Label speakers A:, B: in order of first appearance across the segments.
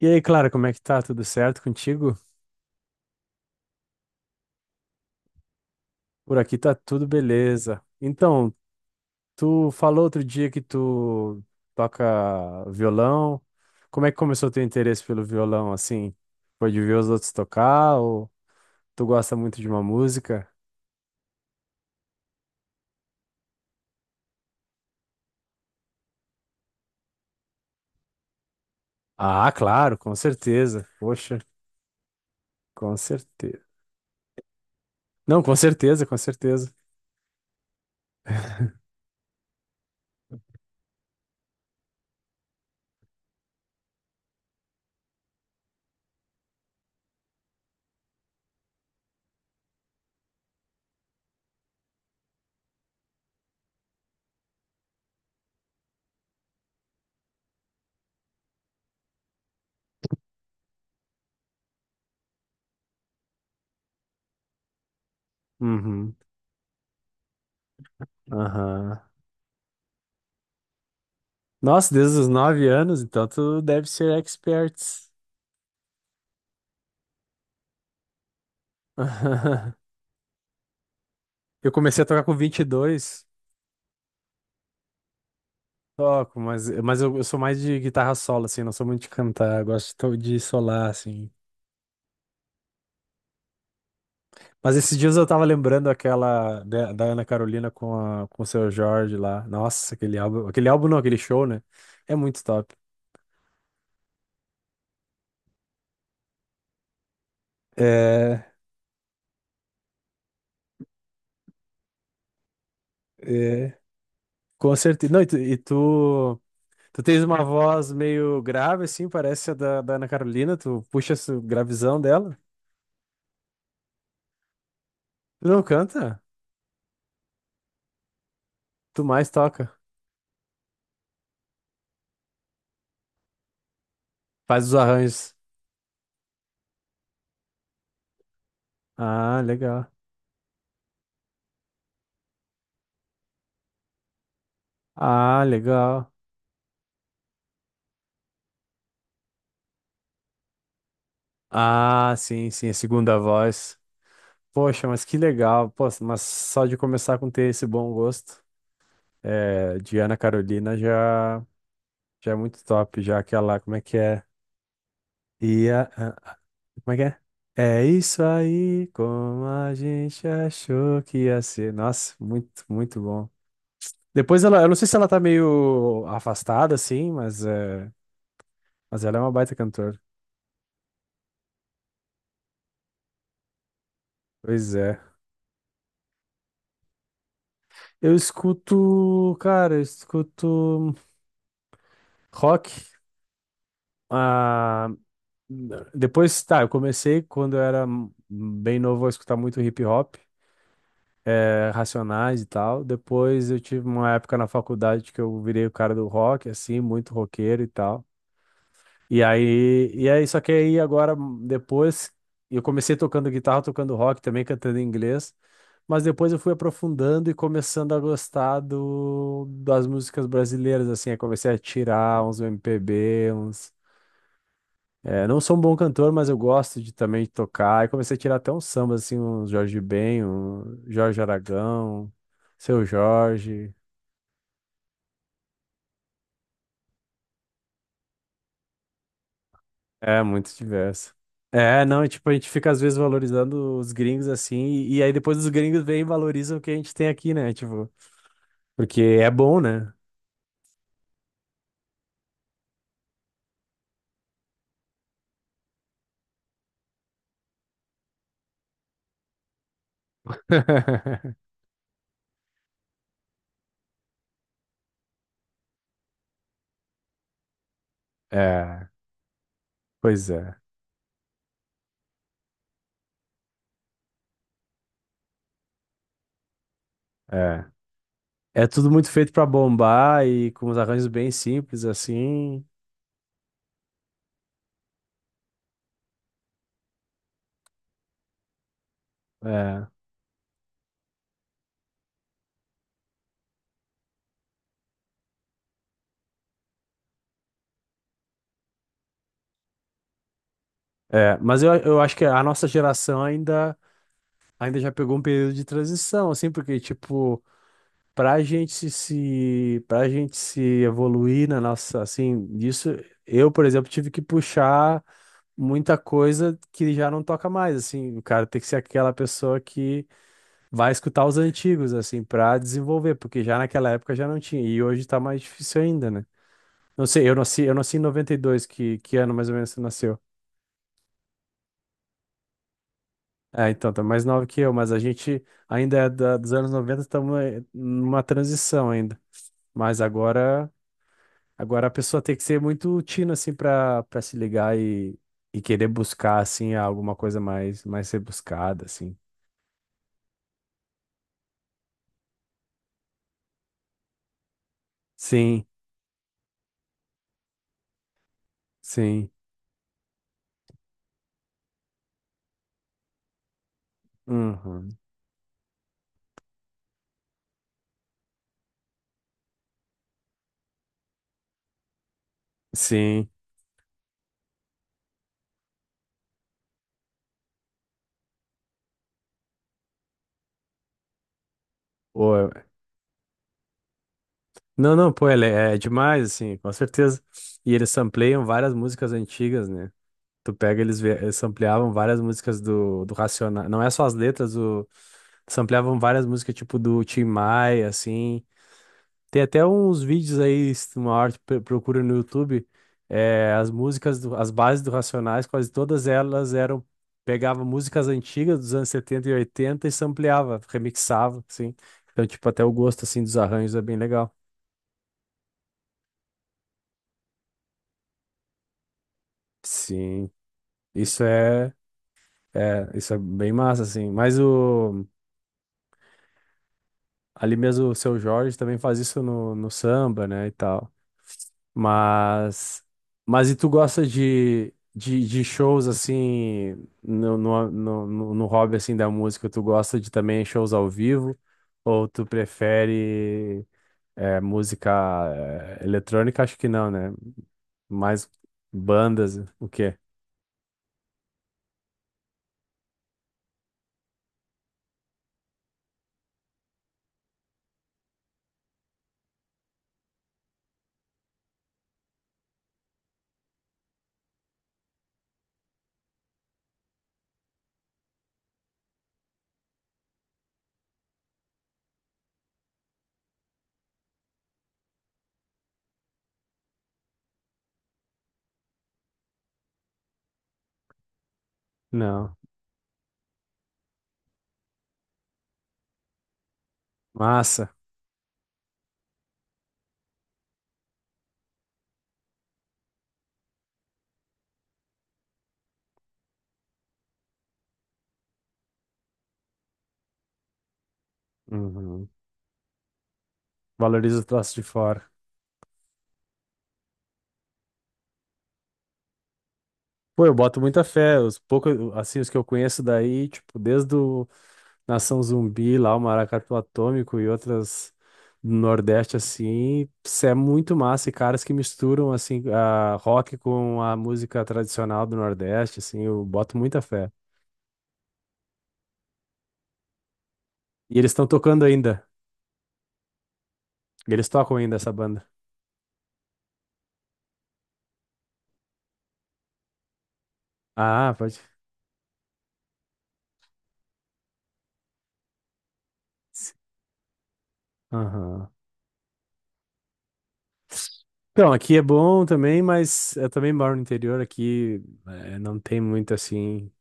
A: E aí, Clara, como é que tá? Tudo certo contigo? Por aqui tá tudo beleza. Então, tu falou outro dia que tu toca violão. Como é que começou o teu interesse pelo violão, assim? Foi de ver os outros tocar ou tu gosta muito de uma música? Ah, claro, com certeza. Poxa, com certeza. Não, com certeza, com certeza. Uhum. Aham. Nossa, desde os 9 anos, então tu deve ser expert. Eu comecei a tocar com 22. Toco, mas eu sou mais de guitarra solo, assim, não sou muito de cantar. Eu gosto de de solar, assim. Mas esses dias eu tava lembrando aquela da Ana Carolina com o Seu Jorge lá. Nossa, aquele álbum. Aquele álbum não, aquele show, né? É muito top. É, é, com certeza. Não, tu tens uma voz meio grave, assim, parece a da Ana Carolina. Tu puxa essa gravizão dela. Tu não canta? Tu mais toca. Faz os arranjos. Ah, legal. Ah, legal. Ah, sim, sim, a segunda voz. Poxa, mas que legal. Poxa, mas só de começar com ter esse bom gosto é, de Ana Carolina já é muito top. Já aquela, como é que é? E como é que é? É isso aí, como a gente achou que ia ser. Nossa, muito, muito bom. Depois ela, eu não sei se ela tá meio afastada, assim, mas ela é uma baita cantora. Pois é. Eu escuto, cara, eu escuto rock. Ah, não. Depois, tá, eu comecei quando eu era bem novo a escutar muito hip hop, Racionais e tal. Depois eu tive uma época na faculdade que eu virei o cara do rock, assim, muito roqueiro e tal. E aí, só que aí agora, depois, eu comecei tocando guitarra, tocando rock também, cantando em inglês. Mas depois eu fui aprofundando e começando a gostar das músicas brasileiras, assim. Aí comecei a tirar uns MPB, uns. É, não sou um bom cantor, mas eu gosto de também tocar. E comecei a tirar até uns sambas, assim, uns Jorge Ben, um Jorge Aragão, Seu Jorge. É, muito diverso. É, não, e tipo, a gente fica às vezes valorizando os gringos assim, e aí depois os gringos vêm e valorizam o que a gente tem aqui, né? Tipo, porque é bom, né? É, pois é, é. É tudo muito feito pra bombar e com os arranjos bem simples, assim. É, é. Mas eu acho que a nossa geração ainda. Ainda já pegou um período de transição, assim, porque, tipo, pra gente se evoluir na nossa, assim, disso, eu, por exemplo, tive que puxar muita coisa que já não toca mais, assim, o cara tem que ser aquela pessoa que vai escutar os antigos, assim, pra desenvolver, porque já naquela época já não tinha, e hoje tá mais difícil ainda, né? Não sei, eu nasci em 92, que ano mais ou menos você nasceu? É, então, tá mais nova que eu, mas a gente ainda é dos anos 90 estamos numa transição ainda. Mas agora, agora a pessoa tem que ser muito tina, assim, para se ligar e querer buscar, assim, alguma coisa mais, mais rebuscada, assim. Sim, sim. Uhum. Sim. Pô, não, não, pô, ele é demais, assim, com certeza. E eles sampleiam várias músicas antigas, né? Tu pega, eles ampliavam várias músicas do Racionais. Não é só as letras, ampliavam várias músicas, tipo, do Tim Maia, assim. Tem até uns vídeos aí, se uma hora tu procura no YouTube, as músicas, as bases do Racionais, quase todas elas eram. Pegava músicas antigas dos anos 70 e 80 e sampleava, remixava, assim. Então, tipo, até o gosto, assim, dos arranjos é bem legal. Sim, isso é. É, isso é bem massa, assim. Ali mesmo o Seu Jorge também faz isso no, no samba, né, e tal. Mas, mas e tu gosta de shows assim, no hobby assim da música, tu gosta de também shows ao vivo? Ou tu prefere música eletrônica? Acho que não, né? Mais bandas, o quê? Não. Massa. Uhum. Valoriza o troço de fora. Pô, eu boto muita fé. Os poucos, assim, os que eu conheço daí, tipo, desde o Nação Zumbi, lá o Maracatu Atômico e outras do Nordeste, assim, isso é muito massa. E caras que misturam, assim, a rock com a música tradicional do Nordeste, assim, eu boto muita fé. E eles estão tocando ainda. Eles tocam ainda essa banda. Ah, pode. Aham. Então, aqui é bom também, mas eu também moro no interior, aqui não tem muito assim.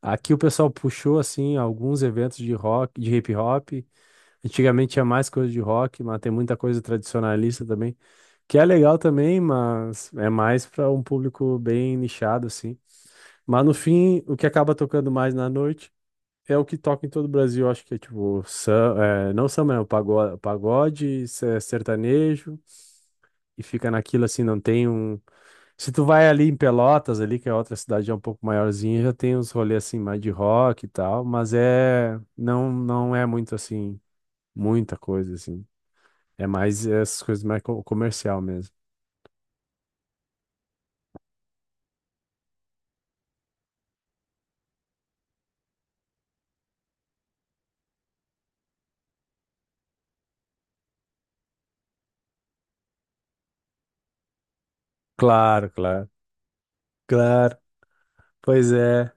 A: Aqui o pessoal puxou assim alguns eventos de rock, de hip hop. Antigamente tinha mais coisa de rock, mas tem muita coisa tradicionalista também, que é legal também, mas é mais para um público bem nichado assim. Mas no fim, o que acaba tocando mais na noite é o que toca em todo o Brasil, acho que é tipo, é, não samba, né? O pagode, pagode, é sertanejo e fica naquilo assim, não tem um. Se tu vai ali em Pelotas, ali, que é outra cidade é um pouco maiorzinha, já tem uns rolês assim mais de rock e tal, mas é não não é muito assim, muita coisa assim. É mais essas coisas mais comercial mesmo. Claro, claro. Claro. Pois é.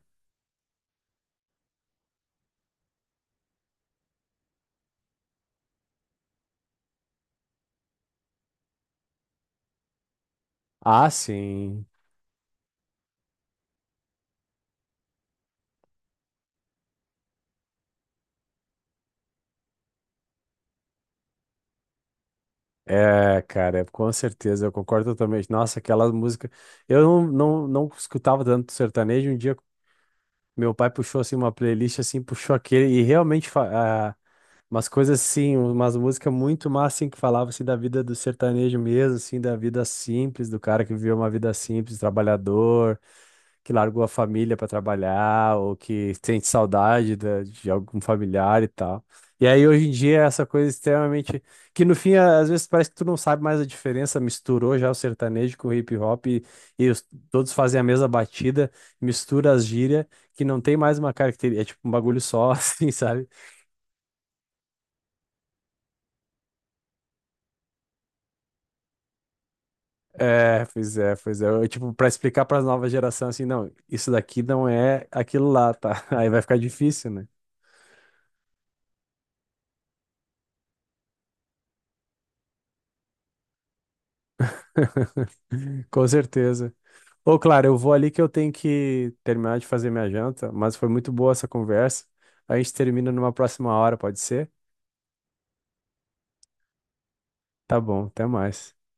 A: Ah, sim. É, cara, com certeza, eu concordo totalmente. Nossa, aquelas músicas. Eu não, não, não escutava tanto sertanejo. Um dia, meu pai puxou assim uma playlist assim, puxou aquele e realmente umas coisas assim, umas músicas muito massa assim que falava assim da vida do sertanejo mesmo, assim, da vida simples, do cara que viveu uma vida simples, trabalhador que largou a família para trabalhar ou que sente saudade de algum familiar e tal. E aí hoje em dia é essa coisa extremamente que no fim às vezes parece que tu não sabe mais a diferença, misturou já o sertanejo com o hip hop e todos fazem a mesma batida, mistura as gírias que não tem mais uma característica, é tipo um bagulho só assim, sabe? É, pois é, pois é. Eu, tipo, para explicar para as novas gerações assim, não, isso daqui não é aquilo lá, tá? Aí vai ficar difícil, né? Com certeza. Ô, claro, eu vou ali que eu tenho que terminar de fazer minha janta, mas foi muito boa essa conversa. A gente termina numa próxima hora, pode ser? Tá bom, até mais.